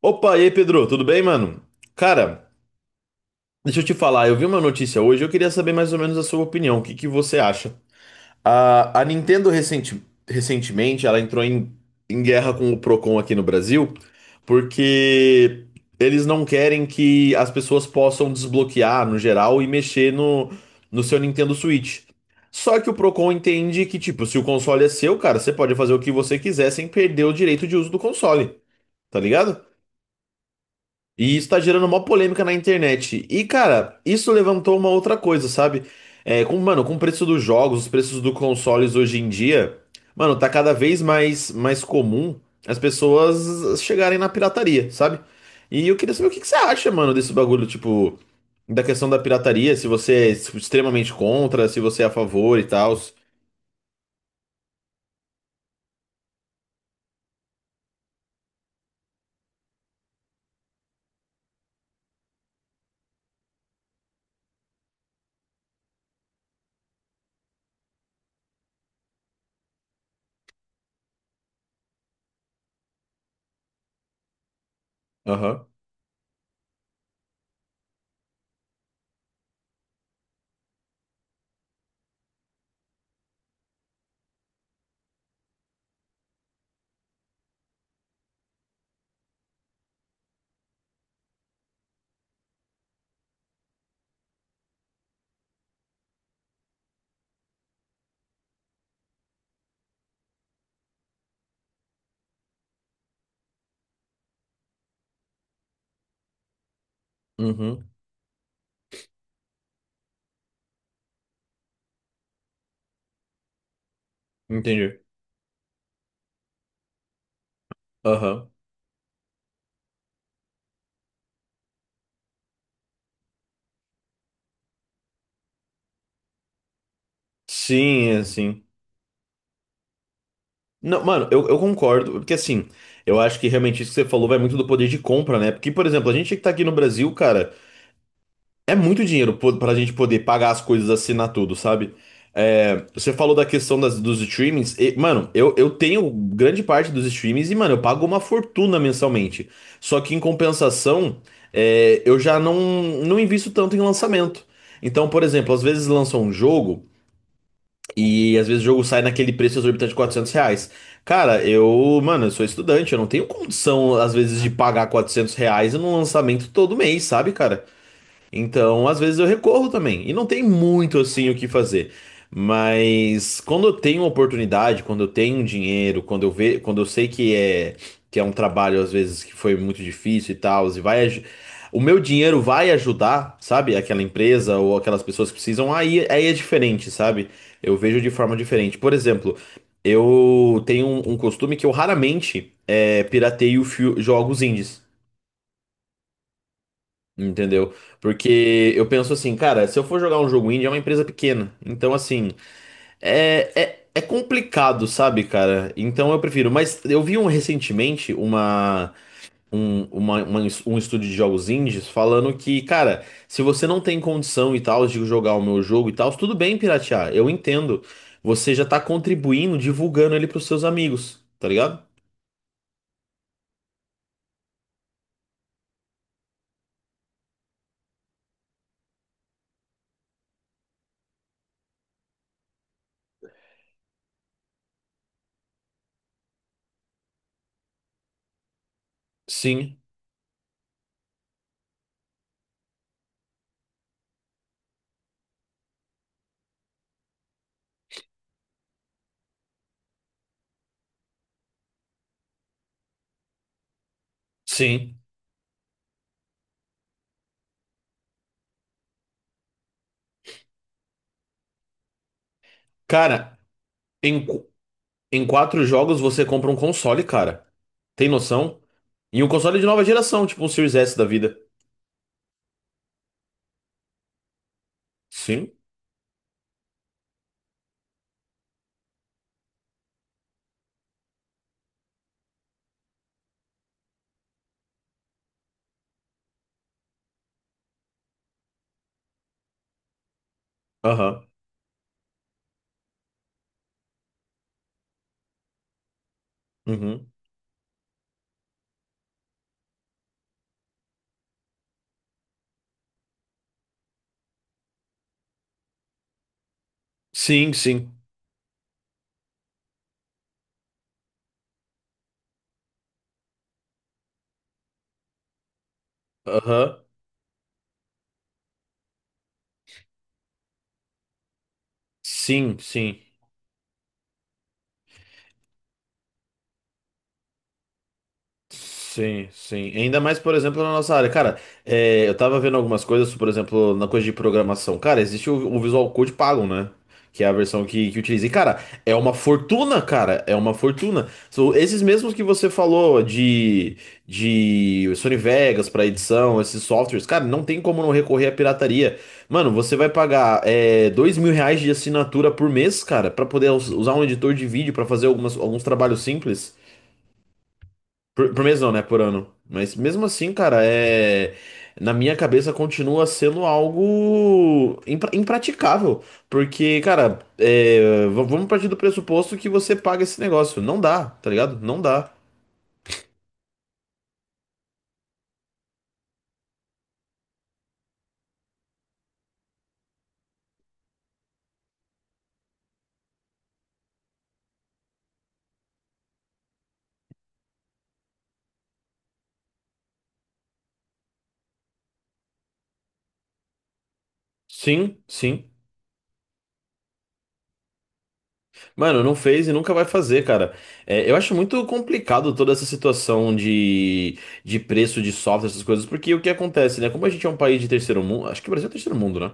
Opa, e aí, Pedro, tudo bem, mano? Cara, deixa eu te falar, eu vi uma notícia hoje, eu queria saber mais ou menos a sua opinião, o que que você acha? A Nintendo recentemente, ela entrou em guerra com o Procon aqui no Brasil, porque eles não querem que as pessoas possam desbloquear, no geral, e mexer no seu Nintendo Switch. Só que o Procon entende que, tipo, se o console é seu, cara, você pode fazer o que você quiser sem perder o direito de uso do console, tá ligado? E isso tá gerando uma polêmica na internet. E, cara, isso levantou uma outra coisa, sabe? Mano, com o preço dos jogos, os preços dos consoles hoje em dia, mano, tá cada vez mais comum as pessoas chegarem na pirataria, sabe? E eu queria saber o que que você acha, mano, desse bagulho, tipo, da questão da pirataria, se você é tipo, extremamente contra, se você é a favor e tal. Aham. Uhum. Entendi. Aham. Sim, é assim. Não, mano, eu concordo, porque assim, eu acho que realmente isso que você falou vai muito do poder de compra, né? Porque, por exemplo, a gente que tá aqui no Brasil, cara, é muito dinheiro pra gente poder pagar as coisas, assinar tudo, sabe? É, você falou da questão dos streamings, e, mano, eu tenho grande parte dos streamings e, mano, eu pago uma fortuna mensalmente. Só que em compensação, eu já não invisto tanto em lançamento. Então, por exemplo, às vezes lança um jogo. E às vezes o jogo sai naquele preço exorbitante de R$ 400. Cara, mano, eu sou estudante, eu não tenho condição, às vezes, de pagar R$ 400 num lançamento todo mês, sabe, cara? Então, às vezes eu recorro também. E não tem muito assim o que fazer. Mas quando eu tenho oportunidade, quando eu tenho dinheiro, quando eu sei que é um trabalho às vezes que foi muito difícil e tal, o meu dinheiro vai ajudar, sabe? Aquela empresa ou aquelas pessoas que precisam, aí é diferente, sabe? Eu vejo de forma diferente. Por exemplo, eu tenho um costume que eu raramente pirateio jogos indies. Entendeu? Porque eu penso assim, cara, se eu for jogar um jogo indie, é uma empresa pequena. Então, assim, é complicado, sabe, cara? Então eu prefiro. Mas eu vi um recentemente uma- um estúdio de jogos indies falando que, cara, se você não tem condição e tal de jogar o meu jogo e tal, tudo bem piratear, eu entendo. Você já tá contribuindo, divulgando ele pros seus amigos, tá ligado? Sim, sim. Cara. Em quatro jogos você compra um console, cara. Tem noção? E um console de nova geração, tipo um Series S da vida. Sim? Aham. Uhum. Sim, sim. Aham. Sim, sim. Sim, sim. Ainda mais, por exemplo, na nossa área. Cara, eu tava vendo algumas coisas, por exemplo, na coisa de programação. Cara, existe o Visual Code pago, né? Que é a versão que utiliza. E, cara, é uma fortuna, cara. É uma fortuna. São esses mesmos que você falou de Sony Vegas pra edição, esses softwares. Cara, não tem como não recorrer à pirataria. Mano, você vai pagar R$ 2.000 de assinatura por mês, cara, pra poder usar um editor de vídeo pra fazer alguns trabalhos simples. Por mês não, né? Por ano. Mas mesmo assim, cara. Na minha cabeça continua sendo algo impraticável. Porque, cara, vamos partir do pressuposto que você paga esse negócio. Não dá, tá ligado? Não dá. Sim, sim. Mano, não fez e nunca vai fazer, cara. É, eu acho muito complicado toda essa situação de preço de software, essas coisas, porque o que acontece, né? Como a gente é um país de terceiro mundo, acho que o Brasil é terceiro mundo, né?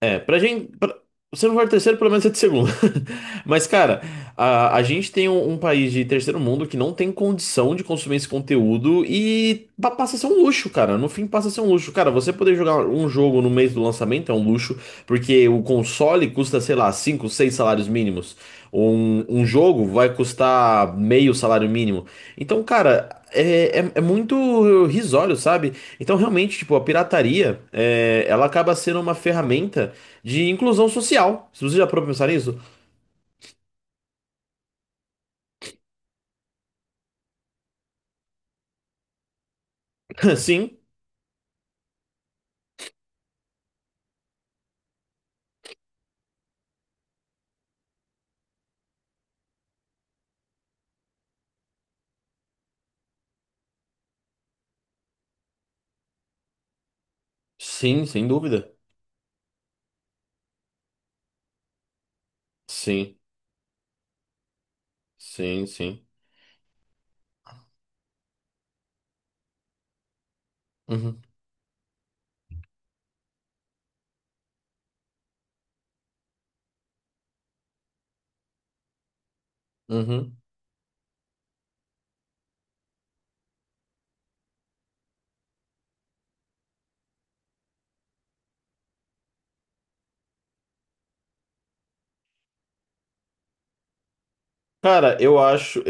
É, pra gente. Se não for terceiro, pelo menos é de segundo. Mas, cara, a gente tem um país de terceiro mundo que não tem condição de consumir esse conteúdo e passa a ser um luxo, cara. No fim, passa a ser um luxo. Cara, você poder jogar um jogo no mês do lançamento é um luxo, porque o console custa, sei lá, 5 6 salários mínimos. Um jogo vai custar meio salário mínimo. Então, cara. É muito risório, sabe? Então, realmente, tipo, a pirataria, ela acaba sendo uma ferramenta de inclusão social. Se você já parou pra pensar nisso? Sim, sim, sem dúvida. Sim, sim, sim. Uhum, uhum. Cara, eu acho.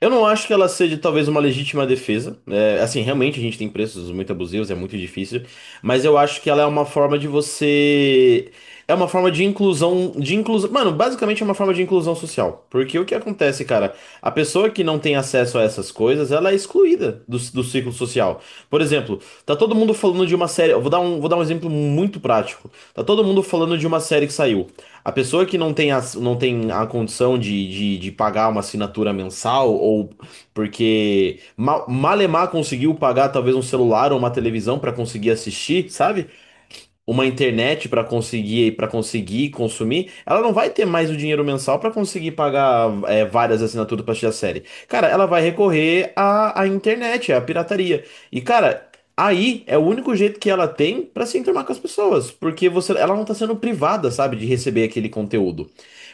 Eu não acho que ela seja talvez uma legítima defesa, né? Assim, realmente a gente tem preços muito abusivos, é muito difícil. Mas eu acho que ela é uma forma de você. É uma forma de inclusão. De inclusão. Mano, basicamente é uma forma de inclusão social. Porque o que acontece, cara? A pessoa que não tem acesso a essas coisas, ela é excluída do ciclo social. Por exemplo, tá todo mundo falando de uma série. Eu vou dar um exemplo muito prático. Tá todo mundo falando de uma série que saiu. A pessoa que não tem a condição de pagar uma assinatura mensal, ou porque Malemar conseguiu pagar talvez um celular ou uma televisão para conseguir assistir, sabe? Uma internet para conseguir consumir, ela não vai ter mais o dinheiro mensal para conseguir pagar várias assinaturas para assistir a série. Cara, ela vai recorrer à internet, à pirataria. E, cara, aí é o único jeito que ela tem para se enturmar com as pessoas, porque ela não tá sendo privada, sabe, de receber aquele conteúdo.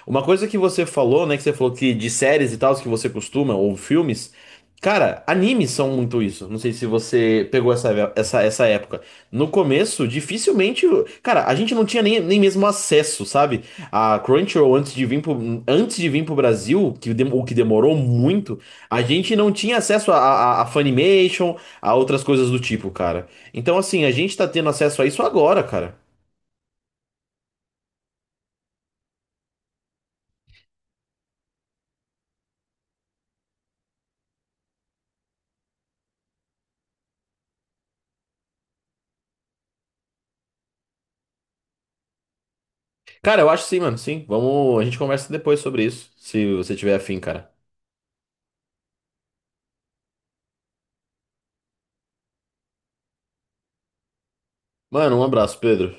Uma coisa que você falou, né, que você falou que de séries e tal, que você costuma, ou filmes, cara, animes são muito isso. Não sei se você pegou essa época. No começo, dificilmente. Cara, a gente não tinha nem mesmo acesso, sabe? A Crunchyroll, antes de vir pro Brasil, o que demorou muito, a gente não tinha acesso a Funimation, a outras coisas do tipo, cara. Então, assim, a gente tá tendo acesso a isso agora, cara. Cara, eu acho sim, mano, sim. Vamos. A gente conversa depois sobre isso, se você tiver afim, cara. Mano, um abraço, Pedro.